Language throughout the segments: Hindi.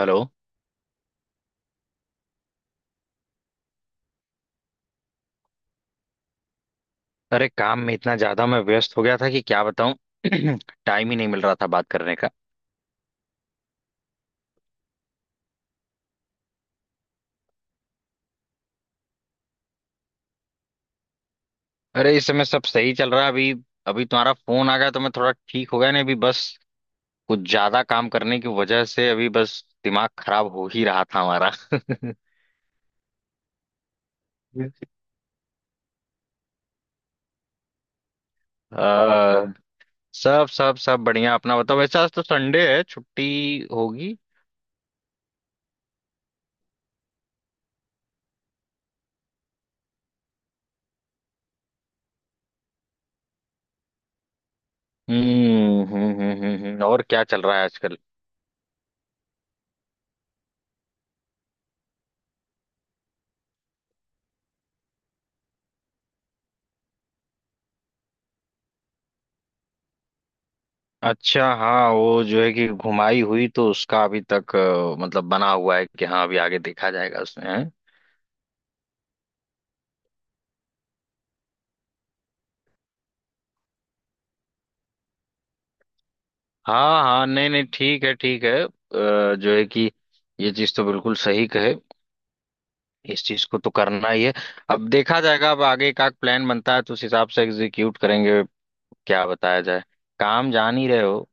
हेलो। अरे काम में इतना ज्यादा मैं व्यस्त हो गया था कि क्या बताऊं। टाइम ही नहीं मिल रहा था बात करने का। अरे इस समय सब सही चल रहा है। अभी अभी तुम्हारा फोन आ गया तो मैं थोड़ा ठीक हो गया। नहीं अभी बस कुछ ज्यादा काम करने की वजह से अभी बस दिमाग खराब हो ही रहा था हमारा। आ, सब सब सब बढ़िया। अपना बताओ, वैसे आज तो संडे है, छुट्टी होगी। और क्या चल रहा है आजकल? अच्छा हाँ, वो जो है कि घुमाई हुई तो उसका अभी तक मतलब बना हुआ है कि हाँ अभी आगे देखा जाएगा उसमें हैं? हाँ हाँ, नहीं नहीं, ठीक है ठीक है। जो है कि ये चीज तो बिल्कुल सही कहे, इस चीज को तो करना ही है। अब देखा जाएगा, अब आगे का प्लान बनता है तो उस हिसाब से एग्जीक्यूट करेंगे। क्या बताया जाए, काम जान ही रहे हो।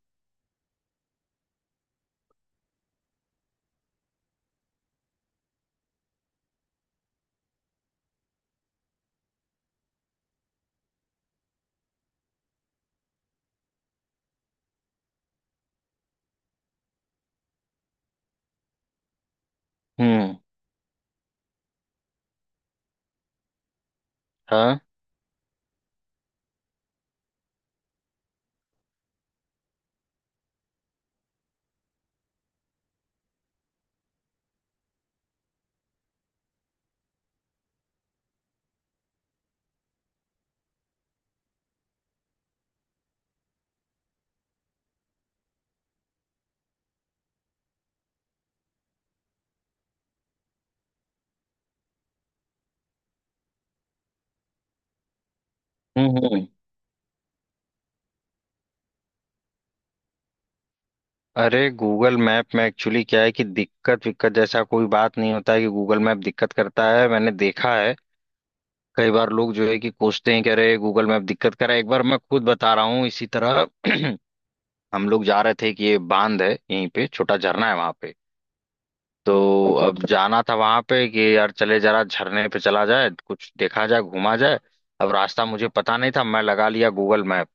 हम्म। हाँ। हम्म। अरे गूगल मैप में एक्चुअली क्या है कि दिक्कत विक्कत जैसा कोई बात नहीं होता है कि गूगल मैप दिक्कत करता है, मैंने देखा है। कई बार लोग जो है कि कोसते हैं, कह रहे गूगल मैप दिक्कत कर रहा है। एक बार मैं खुद बता रहा हूँ इसी तरह। हम लोग जा रहे थे कि ये बांध है, यहीं पे छोटा झरना है वहां पे। तो अब जाना था वहां पे कि यार चले जरा झरने पे, चला जाए कुछ देखा जाए घूमा जाए। अब रास्ता मुझे पता नहीं था, मैं लगा लिया गूगल मैप।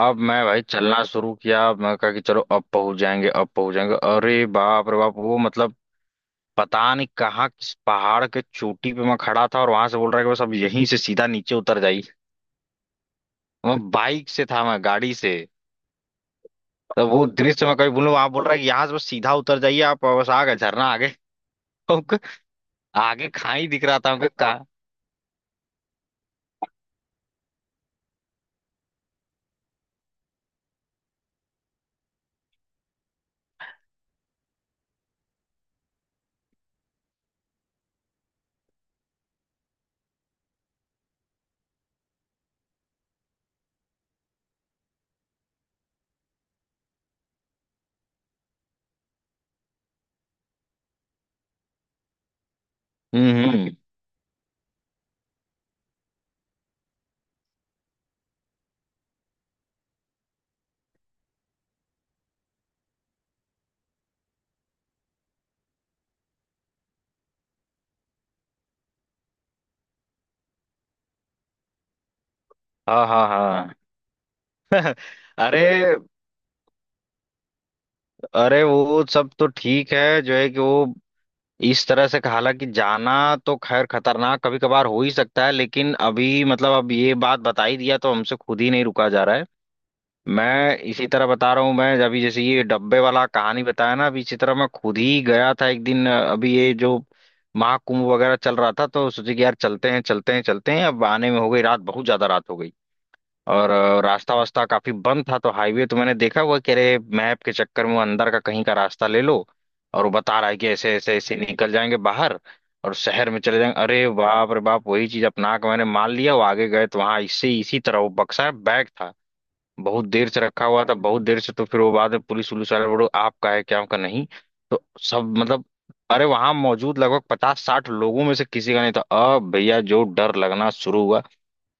अब मैं भाई चलना शुरू किया, मैं कहा कि चलो अब पहुंच जाएंगे अब पहुंच जाएंगे। अरे बाप रे बाप, वो मतलब पता नहीं कहाँ किस पहाड़ के चोटी पे मैं खड़ा था, और वहां से बोल रहा है कि बस अब यहीं से सीधा नीचे उतर जाइए। मैं बाइक से था, मैं गाड़ी से। तो वो दृश्य मैं कभी बोलूँ, आप बोल रहा है कि यहाँ से बस सीधा उतर जाइए आप, बस आ गए झरना आगे। हमको आगे खाई दिख रहा था हमको का। हम्म। हाँ हाँ हाँ। अरे। अरे वो सब तो ठीक है जो है कि वो इस तरह से हालांकि जाना तो खैर खतरनाक कभी कभार हो ही सकता है, लेकिन अभी मतलब अब ये बात बता ही दिया तो हमसे खुद ही नहीं रुका जा रहा है। मैं इसी तरह बता रहा हूँ, मैं अभी जैसे ये डब्बे वाला कहानी बताया ना, अभी इसी तरह मैं खुद ही गया था एक दिन। अभी ये जो महाकुंभ वगैरह चल रहा था तो सोचे कि यार चलते हैं चलते हैं चलते हैं। अब आने में हो गई रात, बहुत ज्यादा रात हो गई। और रास्ता वास्ता काफी बंद था तो हाईवे तो मैंने देखा हुआ, कह रहे मैप के चक्कर में वो अंदर का कहीं का रास्ता ले लो। और वो बता रहा है कि ऐसे ऐसे ऐसे निकल जाएंगे बाहर, और शहर में चले जाएंगे। अरे बाप रे बाप, वही चीज अपना के मैंने मान लिया। वो आगे गए तो वहां इससे इसी तरह वो बक्सा बैग था, बहुत देर से रखा हुआ था, बहुत देर से। तो फिर वो बाद में पुलिस उलिस वाले बोलो आपका है क्या आपका नहीं। तो सब मतलब, अरे वहां मौजूद लगभग पचास साठ लोगों में से किसी का नहीं था। अब भैया जो डर लगना शुरू हुआ,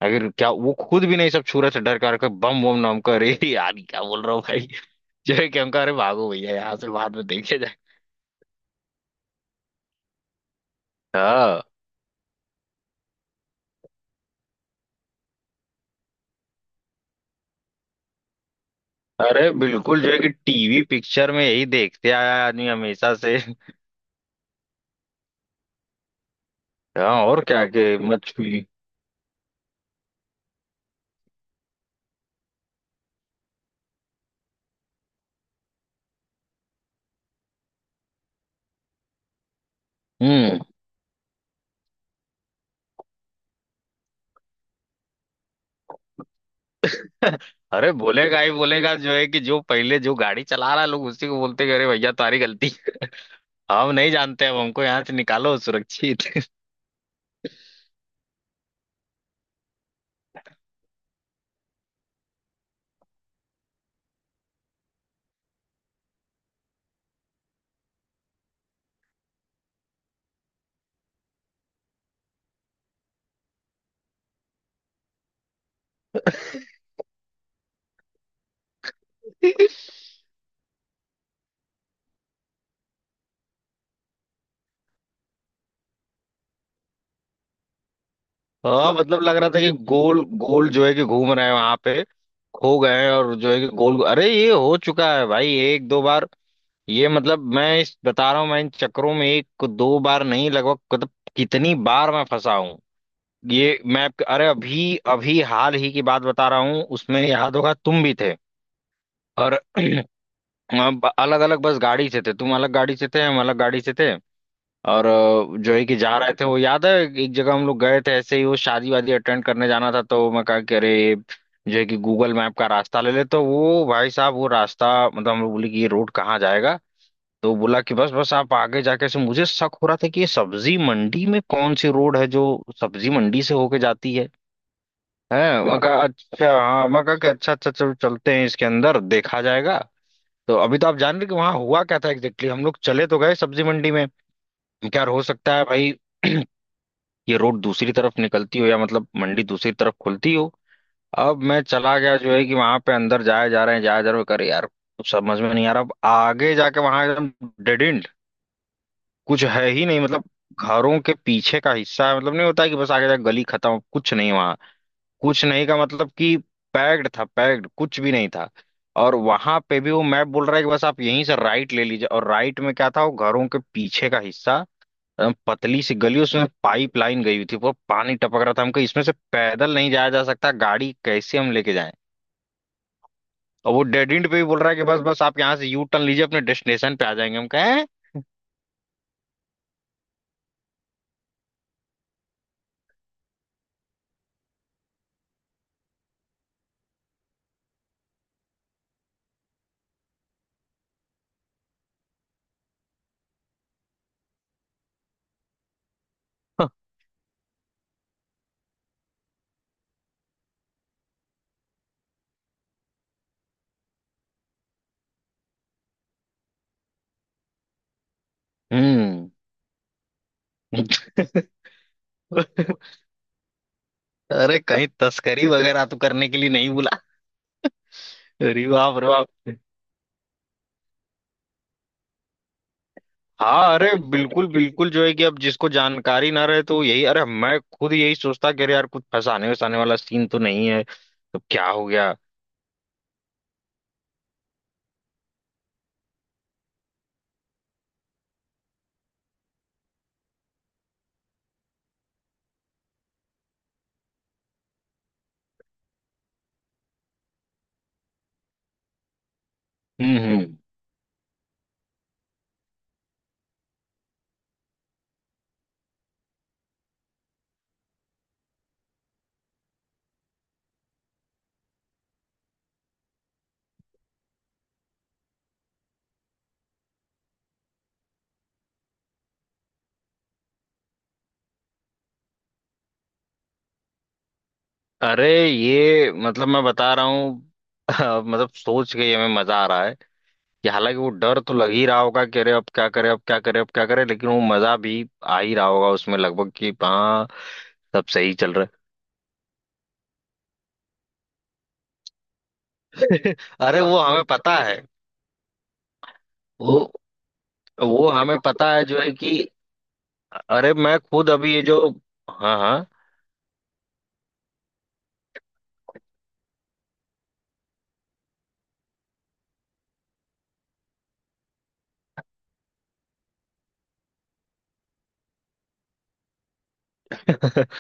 अगर क्या वो खुद भी नहीं, सब छू रहे थे डर कर कर बम बम नाम कर, अरे यार क्या बोल रहा हूँ भाई। जो है कि हम कहा, अरे भागो भैया यहाँ से, बाद में देखे जाए। हाँ। अरे बिल्कुल जो है कि टीवी पिक्चर में यही देखते आया है आदमी हमेशा से। हाँ और क्या के मत छुई। हम्म। अरे बोलेगा ही बोलेगा जो है कि जो पहले जो गाड़ी चला रहा है लोग उसी को बोलते हैं, अरे भैया तुम्हारी गलती है। हम नहीं जानते, अब हमको यहाँ से निकालो सुरक्षित। हाँ मतलब लग रहा था कि गोल गोल जो है कि घूम रहे हैं वहां पे, खो गए हैं और जो है कि गोल। अरे ये हो चुका है भाई एक दो बार। ये मतलब मैं इस बता रहा हूँ, मैं इन चक्करों में एक दो बार नहीं लगभग मतलब कितनी बार मैं फंसा हूँ ये मैं। अरे अभी अभी हाल ही की बात बता रहा हूँ, उसमें याद होगा तुम भी थे। और हम अलग अलग बस गाड़ी से थे, तुम अलग गाड़ी से थे, हम अलग गाड़ी से थे। और जो है कि जा रहे थे वो याद है। एक जगह हम लोग गए थे ऐसे ही वो शादी वादी अटेंड करने जाना था, तो मैं कहा कि अरे ये जो है कि गूगल मैप का रास्ता ले ले, तो वो भाई साहब वो रास्ता मतलब। हम लोग बोले कि ये रोड कहाँ जाएगा, तो बोला कि बस बस आप आगे जाके। से मुझे शक हो रहा था कि ये सब्जी मंडी में कौन सी रोड है जो सब्जी मंडी से होके जाती है है। मैं कहा अच्छा हाँ, मैं कहा कि अच्छा अच्छा चलो चलते हैं, इसके अंदर देखा जाएगा। तो अभी तो आप जान रहे कि वहां हुआ क्या था एग्जैक्टली, हम लोग चले तो गए सब्जी मंडी में। क्या हो सकता है भाई, ये रोड दूसरी तरफ निकलती हो या मतलब मंडी दूसरी तरफ खुलती हो। अब मैं चला गया जो है कि वहां पे अंदर, जाया जा रहे हैं जाया जा रहे हैं, करे यार कुछ समझ में नहीं आ रहा। अब आगे जाके वहां एकदम डेड एंड, कुछ है ही नहीं मतलब। घरों के पीछे का हिस्सा है, मतलब नहीं होता है कि बस आगे जाके गली खत्म, कुछ नहीं वहां। कुछ नहीं का मतलब कि पैक्ड था, पैक्ड कुछ भी नहीं था। और वहां पे भी वो मैप बोल रहा है कि बस आप यहीं से राइट ले लीजिए, और राइट में क्या था वो घरों के पीछे का हिस्सा। पतली सी गली, उसमें पाइप लाइन गई हुई थी, वो पानी टपक रहा था, हमको इसमें से पैदल नहीं जाया जा सकता, गाड़ी कैसे हम लेके जाएं। और वो डेड एंड पे भी बोल रहा है कि बस बस आप यहाँ से यू टर्न लीजिए अपने डेस्टिनेशन पे आ जाएंगे, हम कहें। हम्म। अरे कहीं तस्करी वगैरह तो करने के लिए नहीं बुला। अरे बाप रे बाप। हाँ अरे बिल्कुल बिल्कुल जो है कि अब जिसको जानकारी ना रहे तो यही, अरे मैं खुद यही सोचता कि अरे यार कुछ फंसाने वसाने वाला सीन तो नहीं है। तो क्या हो गया? हम्म। अरे ये मतलब मैं बता रहा हूँ। मतलब सोच के ही हमें मजा आ रहा है कि हालांकि वो डर तो लग ही रहा होगा कि अरे अब क्या करे अब क्या करे अब क्या करे, लेकिन वो मजा भी आ ही रहा होगा उसमें लगभग कि हाँ सब सही चल रहा है। अरे वो हमें पता है। वो वो हमें पता है जो है कि अरे मैं खुद अभी ये जो। हाँ हाँ।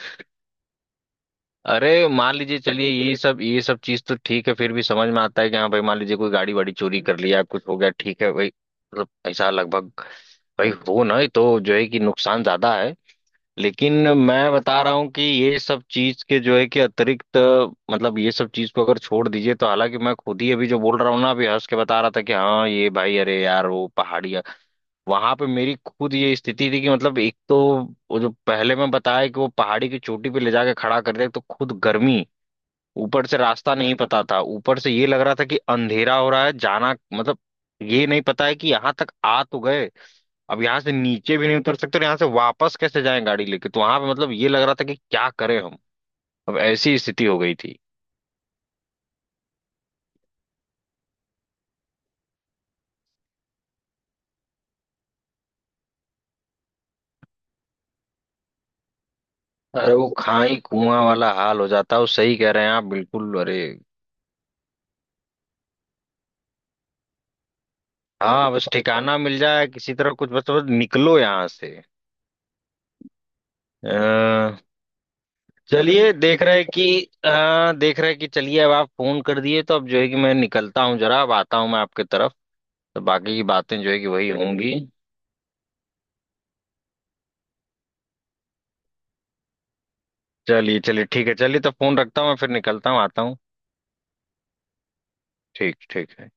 अरे मान लीजिए चलिए ये सब चीज तो ठीक है, फिर भी समझ में आता है कि हाँ भाई मान लीजिए कोई गाड़ी वाड़ी चोरी कर लिया कुछ हो गया, ठीक है भाई मतलब ऐसा लगभग भाई हो ना, ये तो जो है कि नुकसान ज्यादा है। लेकिन मैं बता रहा हूँ कि ये सब चीज के जो है कि अतिरिक्त मतलब ये सब चीज को अगर छोड़ दीजिए, तो हालांकि मैं खुद ही अभी जो बोल रहा हूँ ना, अभी हंस के बता रहा था कि हाँ ये भाई अरे यार वो पहाड़ी वहां पे मेरी खुद ये स्थिति थी कि मतलब एक तो वो जो पहले मैं बताया कि वो पहाड़ी की चोटी पे ले जाके खड़ा कर दिया, तो खुद गर्मी, ऊपर से रास्ता नहीं पता था, ऊपर से ये लग रहा था कि अंधेरा हो रहा है, जाना मतलब ये नहीं पता है कि यहाँ तक आ तो गए, अब यहाँ से नीचे भी नहीं उतर सकते और यहाँ से वापस कैसे जाएं गाड़ी लेके। तो वहां पे मतलब ये लग रहा था कि क्या करें हम, अब ऐसी स्थिति हो गई थी। अरे वो खाई कुआं वाला हाल हो जाता है, वो सही कह रहे हैं आप बिल्कुल। अरे हाँ, बस ठिकाना मिल जाए किसी तरह, कुछ बस बस निकलो यहाँ से। अ, चलिए देख रहे कि देख रहे कि चलिए अब आप फोन कर दिए, तो अब जो है कि मैं निकलता हूँ जरा, अब आता हूँ मैं आपके तरफ। तो बाकी की बातें जो है कि वही होंगी। चलिए चलिए ठीक है, चलिए तो फोन रखता हूँ मैं, फिर निकलता हूँ आता हूँ। ठीक ठीक है।